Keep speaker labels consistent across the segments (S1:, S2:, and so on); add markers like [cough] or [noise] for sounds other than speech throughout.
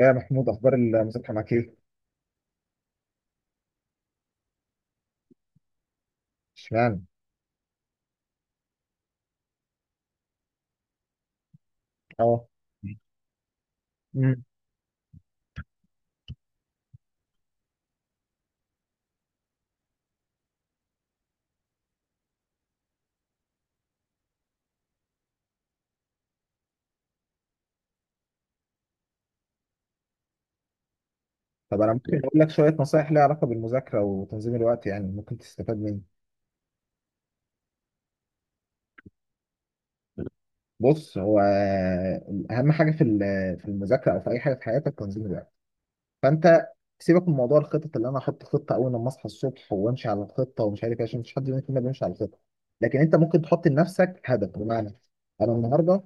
S1: يا محمود، اخبار المذاكره معاك ايه؟ اشمعنى؟ اه. مم. طب انا ممكن اقول لك شويه نصايح ليها علاقه بالمذاكره وتنظيم الوقت، يعني ممكن تستفاد مني. بص، هو اهم حاجه في في المذاكره او في اي حاجه في حياتك تنظيم الوقت. فانت سيبك من موضوع الخطط اللي انا احط خطه اول لما اصحى الصبح وامشي على الخطه ومش عارف ايه، عشان مفيش حد مننا فينا بيمشي على الخطه. لكن انت ممكن تحط لنفسك هدف، بمعنى انا النهارده،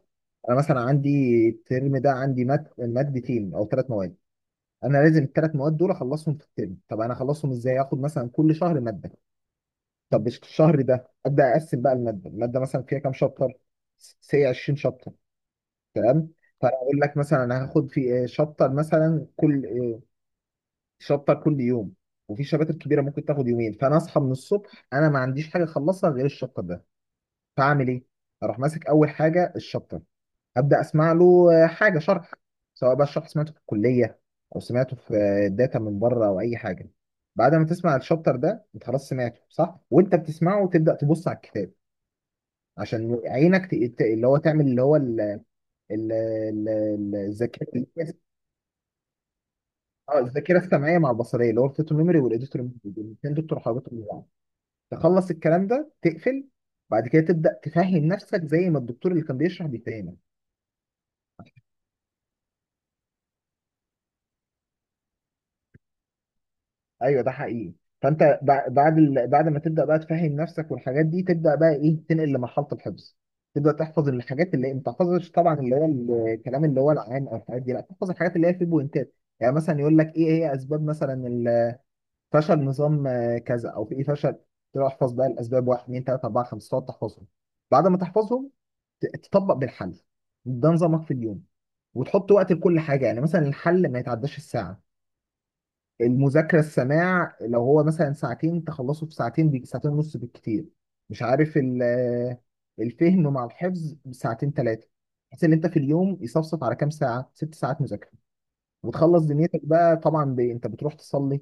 S1: انا مثلا عندي الترم ده عندي مادتين او ثلاث مواد، انا لازم الثلاث مواد دول اخلصهم في الترم. طب انا اخلصهم ازاي؟ اخد مثلا كل شهر ماده. طب مش الشهر ده ابدا، اقسم بقى الماده. الماده مثلا فيها كام شابتر؟ سي 20 شابتر، تمام. فانا اقول لك مثلا انا هاخد في شابتر مثلا كل آه، شابتر كل يوم، وفي شباتر كبيره ممكن تاخد يومين. فانا اصحى من الصبح انا ما عنديش حاجه اخلصها غير الشابتر ده. فاعمل ايه؟ اروح ماسك اول حاجه الشابتر، ابدا اسمع له حاجه شرح، سواء بقى الشرح سمعته في الكليه او سمعته في الداتا من بره او اي حاجه. بعد ما تسمع الشابتر ده، انت خلاص سمعته صح، وانت بتسمعه تبدا تبص على الكتاب، عشان عينك اللي هو تعمل اللي هو الذاكره. [laughs] اه الذاكره السمعيه مع البصريه، اللي هو الفوتو ميموري والايديتور ميموري، الاثنين دول ترحيباتهم ببعض. تخلص الكلام ده تقفل، بعد كده تبدا تفهم نفسك زي ما الدكتور اللي كان بيشرح بيفهمك. ايوه، ده حقيقي. فانت بعد بعد ما تبدا بقى تفهم نفسك والحاجات دي، تبدا بقى ايه؟ تنقل لمرحله الحفظ. تبدا تحفظ الحاجات اللي انت تحفظش طبعا، اللي هو الكلام اللي هو العام او الحاجات دي لا تحفظ، الحاجات اللي هي في بوينتات. يعني مثلا يقول لك ايه هي اسباب مثلا فشل نظام كذا او في ايه فشل، تروح احفظ بقى الاسباب 1 2 3 4 5 تقعد تحفظهم. بعد ما تحفظهم تطبق بالحل. ده نظامك في اليوم، وتحط وقت لكل حاجه. يعني مثلا الحل ما يتعداش الساعه، المذاكرة السماع لو هو مثلا ساعتين تخلصه في ساعتين، ساعتين ونص بالكتير، مش عارف الفهم مع الحفظ ساعتين ثلاثة، بحيث ان انت في اليوم يصفصف على كام ساعة؟ ست ساعات مذاكرة، وتخلص دنيتك بقى. طبعا انت بتروح تصلي،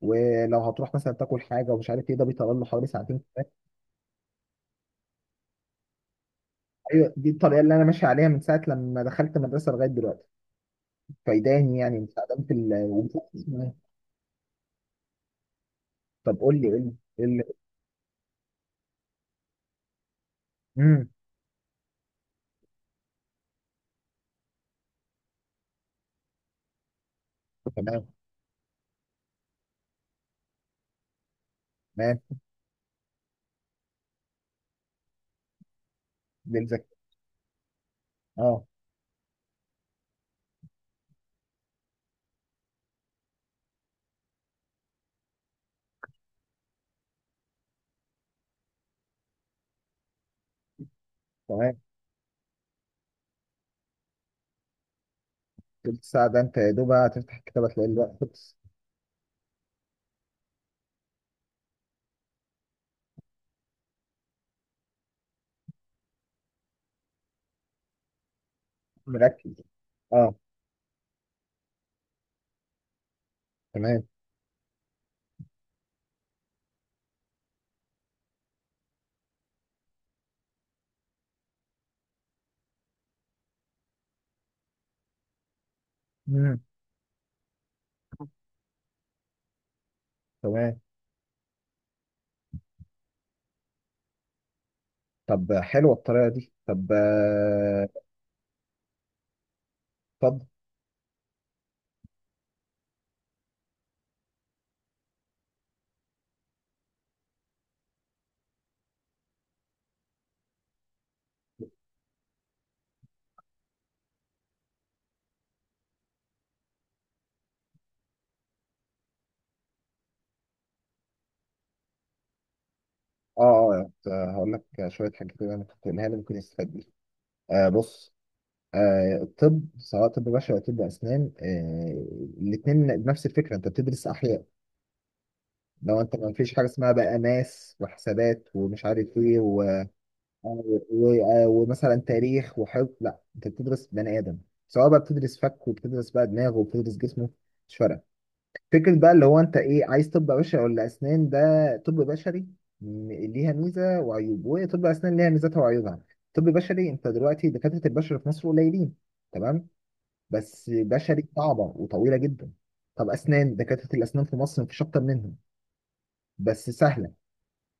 S1: ولو هتروح مثلا تاكل حاجة ومش عارف ايه، ده بيطلع له حوالي ساعتين ثلاثة. ايوه، دي الطريقة اللي انا ماشي عليها من ساعة لما دخلت المدرسة لغاية دلوقتي، فايداني يعني، مساعداني في وبتحفظ كمان. طب قول لي. قول لي. امم. تمام. تمام. للذاكرة. اه. تمام. تلت ساعة ده أنت يا دوب هتفتح الكتاب هتلاقي الوقت خلص. مركز. أه. تمام. مم. تمام. طب حلوة الطريقة دي. طب اتفضل. أه، أه، هقول لك شوية حاجات كده أنا كنت قايلها لي ممكن يستفاد بيها. آه، بص، آه الطب سواء طب بشري أو طب أسنان، آه الاتنين نفس الفكرة، أنت بتدرس أحياء. لو أنت ما فيش حاجة اسمها بقى ماس وحسابات ومش عارف إيه ومثلا تاريخ وحفظ، لا، انت بتدرس بني ادم. سواء بقى بتدرس فك وبتدرس بقى دماغه وبتدرس جسمه، مش فارقه. فكره بقى اللي هو انت ايه عايز، طب بشري ولا اسنان؟ ده طب بشري ليها ميزه وعيوب، وطب اسنان ليها ميزاتها وعيوبها. طب بشري، انت دلوقتي دكاتره البشر في مصر قليلين، تمام، بس بشري صعبه وطويله جدا. طب اسنان، دكاتره الاسنان في مصر مفيش اكتر منهم، بس سهله.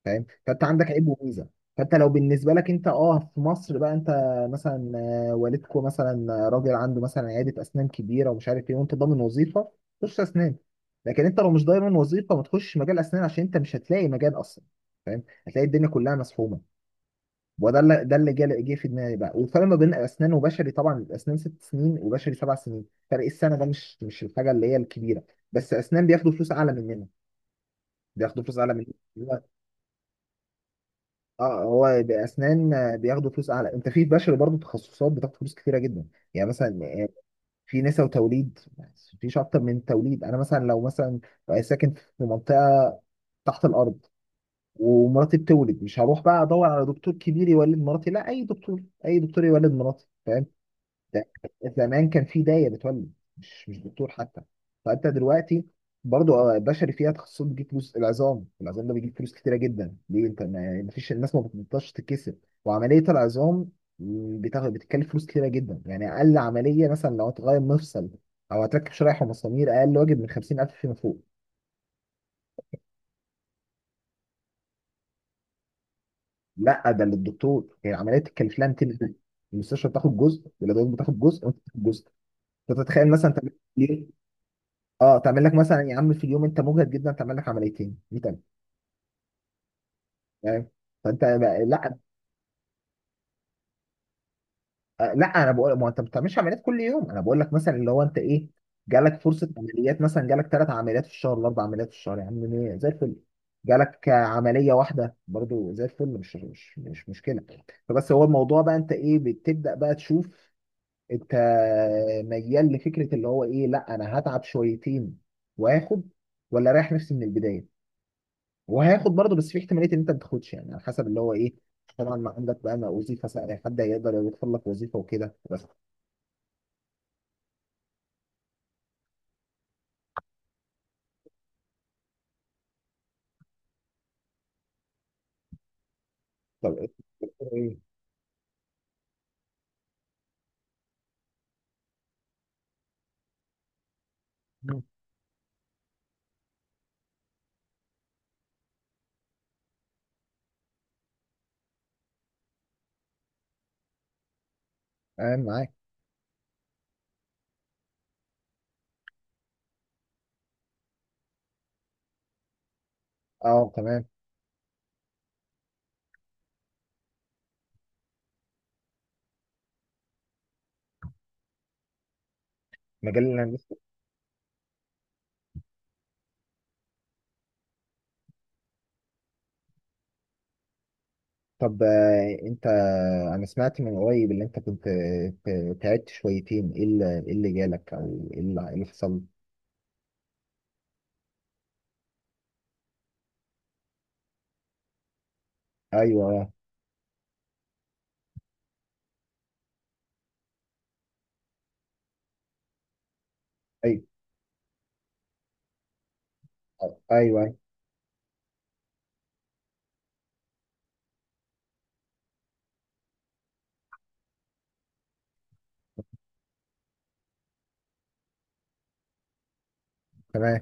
S1: فاهم؟ فانت عندك عيب وميزه. فانت لو بالنسبه لك انت، اه في مصر بقى، انت مثلا والدكو مثلا راجل عنده مثلا عياده اسنان كبيره ومش عارف ايه، وانت ضامن وظيفه، خش اسنان. لكن انت لو مش ضامن وظيفه ما تخش مجال اسنان، عشان انت مش هتلاقي مجال اصلا، فاهم؟ هتلاقي الدنيا كلها مسحومه. وده اللي ده اللي جه في دماغي بقى. والفرق ما بين اسنان وبشري، طبعا الاسنان ست سنين وبشري سبع سنين، فرق السنه ده مش الحاجه اللي هي الكبيره. بس اسنان بياخدوا فلوس اعلى مننا، بياخدوا فلوس اعلى مننا. اه، هو باسنان بياخدوا فلوس اعلى. انت في بشر برضو تخصصات بتاخد فلوس كتيره جدا، يعني مثلا في نساء وتوليد، مفيش اكتر من توليد. انا مثلا لو مثلا ساكن في منطقه تحت الارض، ومراتي بتولد، مش هروح بقى ادور على دكتور كبير يولد مراتي، لا، اي دكتور، اي دكتور يولد مراتي، فاهم؟ ده زمان كان في داية بتولد، مش دكتور حتى. فانت دلوقتي برضو بشري فيها تخصصات بتجيب فلوس. العظام، العظام ده بيجيب فلوس كتيره جدا، ليه؟ انت ما فيش الناس ما بتقدرش تتكسب. وعمليه العظام بتتكلف فلوس كتيره جدا، يعني اقل عمليه مثلا، لو هتغير مفصل او هتركب شرايح ومسامير، اقل واجب من 50,000 فيما فوق. لا، ده للدكتور، يعني العمليه تتكلف لها 200. المستشفى بتاخد جزء والادوات بتاخد جزء وانت بتاخد جزء. فتتخيل مثلا، انت اه تعمل لك مثلا يا عم في اليوم انت مجهد جدا، تعمل لك عمليتين 100,000، فاهم؟ لا، لا، انا بقول ما انت ما بتعملش عمليات كل يوم، انا بقول لك مثلا اللي هو انت ايه، جالك فرصه عمليات، مثلا جالك ثلاث عمليات في الشهر ولا اربع عمليات في الشهر، يا عم إيه، زي الفل. جالك عمليه واحده برضو زي الفل، مش مشكله. فبس هو الموضوع بقى انت ايه؟ بتبدا بقى تشوف، انت ميال لفكره اللي هو ايه، لا انا هتعب شويتين واخد، ولا رايح نفسي من البدايه وهياخد برضه، بس في احتماليه ان انت ما تاخدش يعني، على حسب اللي هو ايه. طبعا ما عندك بقى ما وظيفه سهله، حد هيقدر يوفر لك وظيفه وكده بس. طب ايه؟ إيه؟ مم. تمام، معاك. اه، تمام. مجال الهندسه. طب انت، انا سمعت من قريب اللي انت كنت تعبت شويتين، ايه اللي إيه اللي جالك؟ او ايه اللي إيه اللي حصل؟ ايوه. ايوه. ايوه. أيوه. تمام.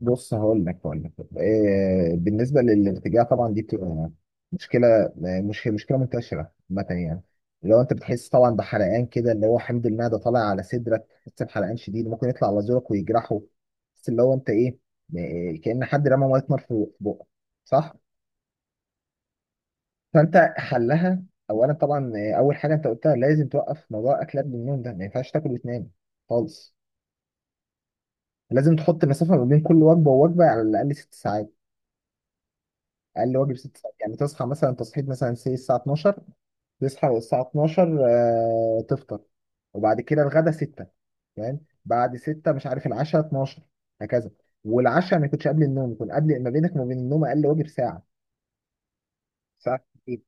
S1: بص، هقول لك، بالنسبه للارتجاع، طبعا دي بتبقى مشكله، مش مشكله منتشره عامه يعني. لو انت بتحس طبعا بحرقان كده، اللي هو حمض المعده طالع على صدرك، بتحس بحرقان شديد ممكن يطلع على زورك ويجرحه، بس اللي هو انت ايه، كأن حد رمى ميه نار في بقك، صح؟ فانت حلها، اولا طبعا، اول حاجه انت قلتها، لازم توقف موضوع اكلات بالنوم ده، ما ينفعش تاكل وتنام خالص. لازم تحط مسافه ما بين كل وجبه ووجبه على الاقل ست ساعات، اقل واجب ست ساعات. يعني تصحى مثلا، تصحيح مثلا، سي الساعه 12، تصحى الساعه 12، تفطر، وبعد كده الغدا 6، فاهم؟ بعد 6 مش عارف العشاء 12، هكذا. والعشاء ما يكونش قبل النوم، يكون قبل ما بينك وما بين النوم اقل واجب ساعه، ساعه ساعتين،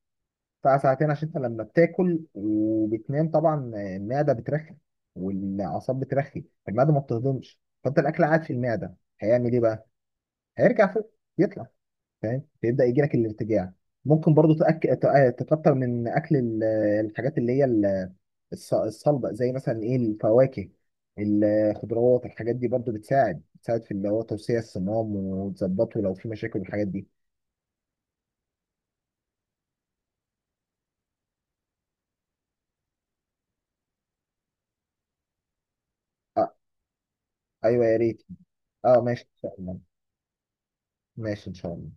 S1: ساعه ساعتين، عشان انت لما بتاكل وبتنام طبعا المعده بترخي، والاعصاب بترخي، المعده ما بتهضمش، فانت الاكل قاعد في المعده هيعمل ايه بقى؟ هيرجع فوق، يطلع، فاهم؟ بيبدا يجي لك الارتجاع. ممكن برضو تكتر من اكل الحاجات اللي هي الصلبه، زي مثلا ايه، الفواكه، الخضروات، الحاجات دي برضو بتساعد، بتساعد في اللي هو توسيع الصمام وتظبطه لو في مشاكل والحاجات دي. آه. ايوه، يا ريت. اه، ماشي ان شاء الله. ماشي ان شاء الله.